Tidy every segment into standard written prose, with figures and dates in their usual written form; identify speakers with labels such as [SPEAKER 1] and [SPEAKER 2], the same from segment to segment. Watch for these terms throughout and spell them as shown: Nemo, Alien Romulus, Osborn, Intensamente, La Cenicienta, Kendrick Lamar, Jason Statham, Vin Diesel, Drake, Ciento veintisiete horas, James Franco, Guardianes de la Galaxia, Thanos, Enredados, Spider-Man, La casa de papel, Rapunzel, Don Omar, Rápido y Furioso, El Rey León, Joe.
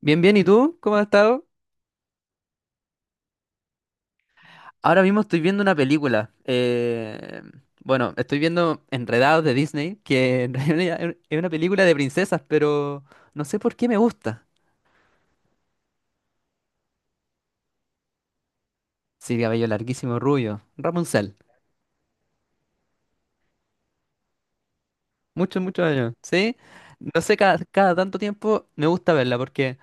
[SPEAKER 1] Bien, bien, ¿y tú? ¿Cómo has estado? Ahora mismo estoy viendo una película. Bueno, estoy viendo Enredados de Disney, que en realidad es una película de princesas, pero no sé por qué me gusta. Sí, cabello larguísimo, rubio. Rapunzel. Muchos, muchos años. ¿Sí? No sé, cada tanto tiempo me gusta verla porque,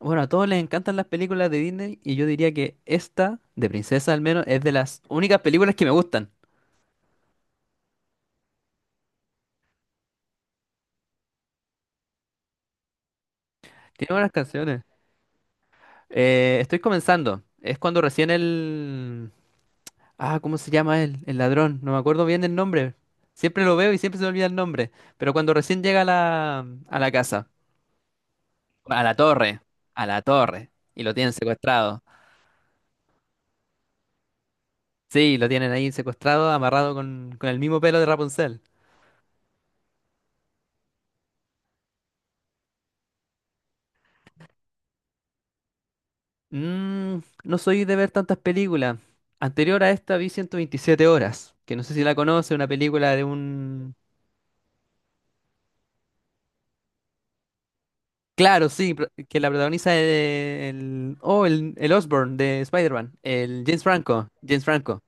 [SPEAKER 1] bueno, a todos les encantan las películas de Disney y yo diría que esta, de princesa al menos, es de las únicas películas que me gustan. Tiene buenas canciones. Estoy comenzando. Es cuando recién el... Ah, ¿cómo se llama él? El ladrón. No me acuerdo bien el nombre. Siempre lo veo y siempre se me olvida el nombre. Pero cuando recién llega a la casa, a la torre, y lo tienen secuestrado. Sí, lo tienen ahí secuestrado, amarrado con el mismo pelo de Rapunzel. Mm, no soy de ver tantas películas. Anterior a esta vi 127 horas, que no sé si la conoce, una película de un... Claro, sí, que la protagoniza el... Oh, el Osborn de Spider-Man, el James Franco, James Franco.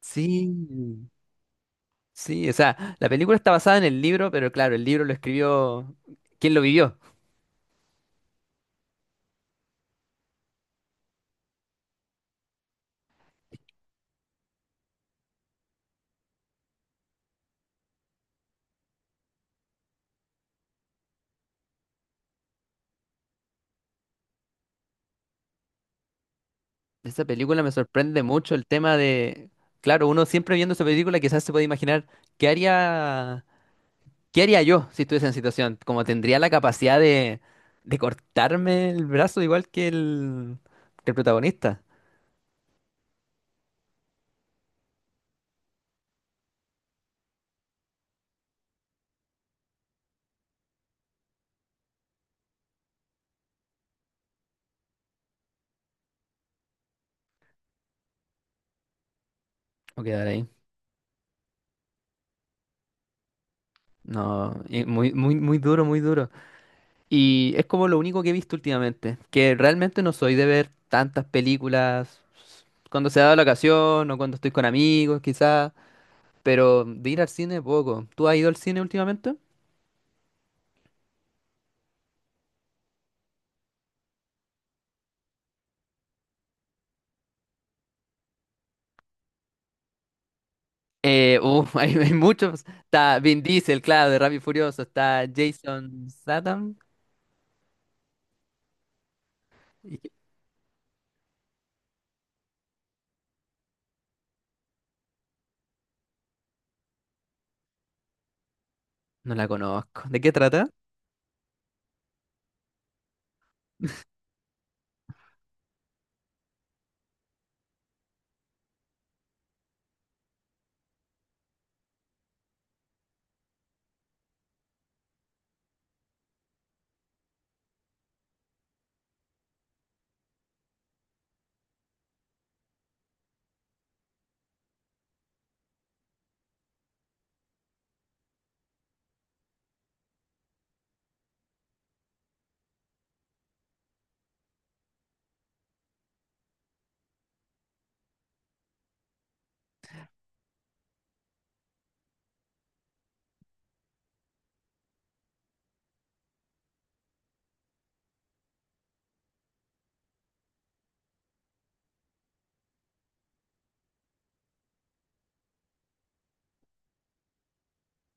[SPEAKER 1] Sí, sí, o sea, la película está basada en el libro, pero claro, el libro lo escribió quien lo vivió. Esa película me sorprende mucho el tema de, claro, uno siempre viendo esa película quizás se puede imaginar qué haría, qué haría yo si estuviese en situación, como tendría la capacidad de cortarme el brazo igual que el protagonista. O quedar ahí. No, y muy, muy, muy duro, muy duro. Y es como lo único que he visto últimamente, que realmente no soy de ver tantas películas. Cuando se da la ocasión o cuando estoy con amigos, quizás. Pero de ir al cine, poco. ¿Tú has ido al cine últimamente? Hay muchos. Está Vin Diesel, claro, de Rápido y Furioso. Está Jason Statham. ¿Qué? No la conozco. ¿De qué trata?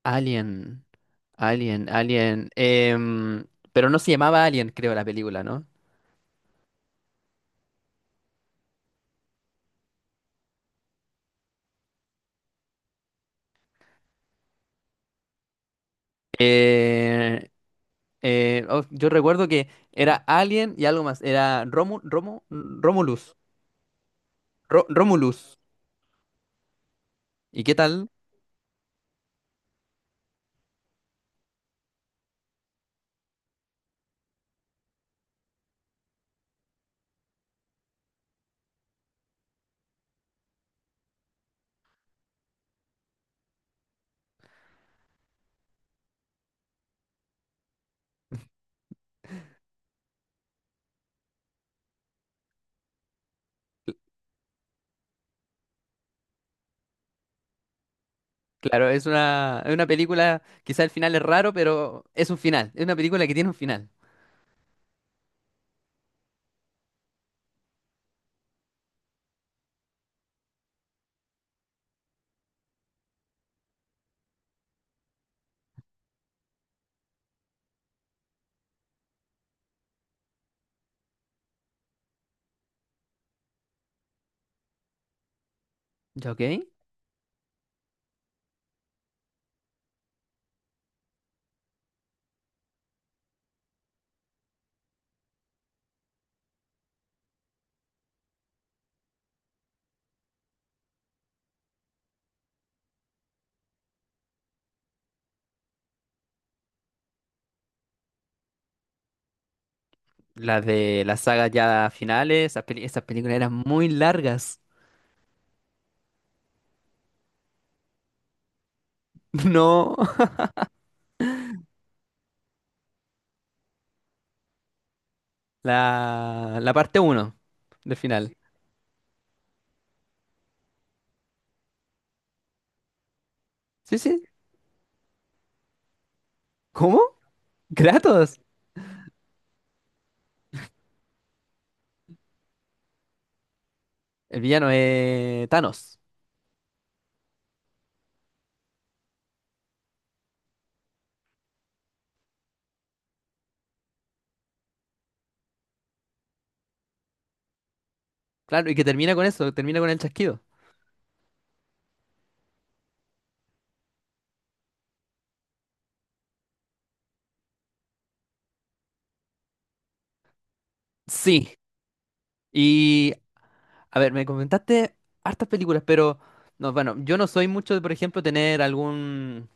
[SPEAKER 1] Alien. Alien, Alien. Pero no se llamaba Alien, creo, la película, ¿no? Eh, oh, yo recuerdo que era Alien y algo más. Era Romulus. Romulus. ¿Y qué tal? Claro, es una, película, quizá el final es raro, pero es un final. Es una película que tiene un final. ¿Ya ok? Las de las sagas ya finales, esas, esas películas eran muy largas. No, la parte uno del final. Sí, sí. ¿Cómo? Kratos. El villano es Thanos. Claro, y que termina con eso, termina con el chasquido. Sí. Y, a ver, me comentaste hartas películas, pero, no, bueno, yo no soy mucho de, por ejemplo, tener algún...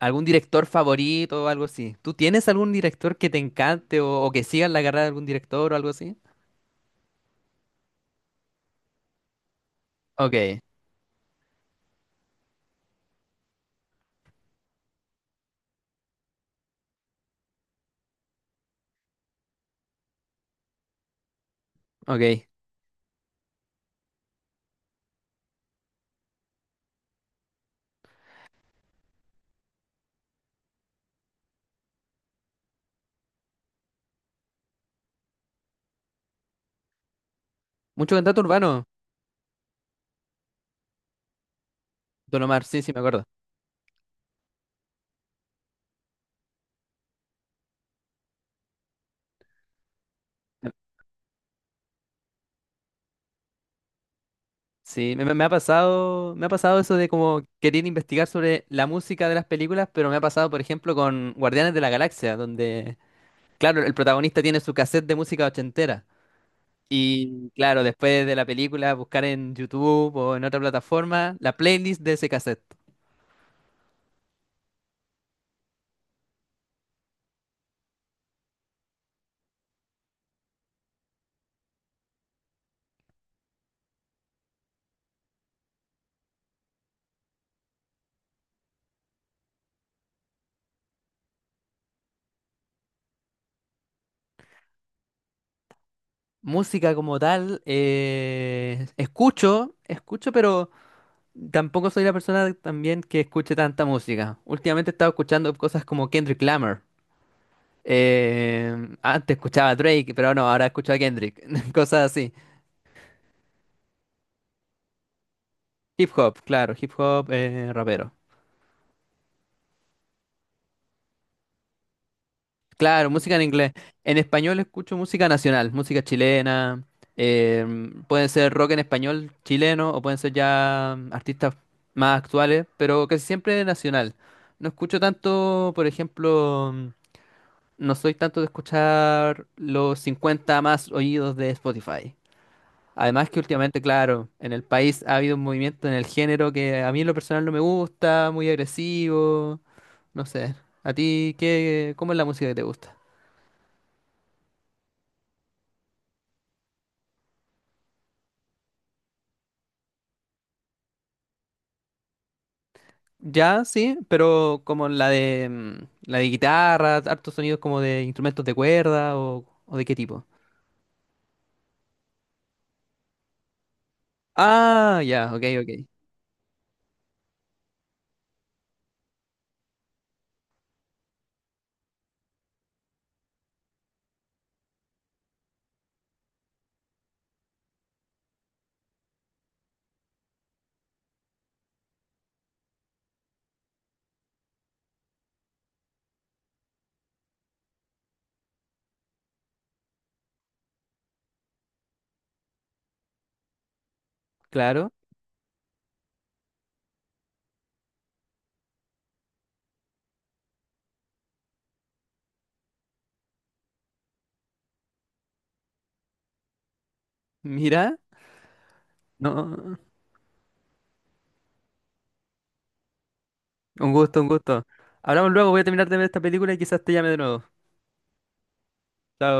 [SPEAKER 1] ¿Algún director favorito o algo así? ¿Tú tienes algún director que te encante o que sigas la carrera de algún director o algo así? Ok, ok. Mucho cantato urbano, Don Omar, sí, sí, me acuerdo. Sí, me ha pasado, me ha pasado eso de como querer investigar sobre la música de las películas, pero me ha pasado, por ejemplo, con Guardianes de la Galaxia, donde, claro, el protagonista tiene su cassette de música ochentera. Y claro, después de la película, buscar en YouTube o en otra plataforma la playlist de ese cassette. Música como tal, escucho, pero tampoco soy la persona también que escuche tanta música. Últimamente he estado escuchando cosas como Kendrick Lamar. Eh, Antes escuchaba a Drake, pero no, ahora escucho a Kendrick. Cosas así. Hip hop, claro, hip hop, rapero. Claro, música en inglés. En español escucho música nacional, música chilena. Pueden ser rock en español chileno o pueden ser ya artistas más actuales, pero casi siempre nacional. No escucho tanto, por ejemplo, no soy tanto de escuchar los 50 más oídos de Spotify. Además que últimamente, claro, en el país ha habido un movimiento en el género que a mí en lo personal no me gusta, muy agresivo, no sé. ¿A ti qué, cómo es la música que te gusta? Ya, sí, pero como la de la de guitarra, hartos sonidos como de instrumentos de cuerda o, de qué tipo. Ah, ya, ok, ok. Claro. Mira, no, un gusto, un gusto. Hablamos luego, voy a terminar de ver esta película y quizás te llame de nuevo. Chao.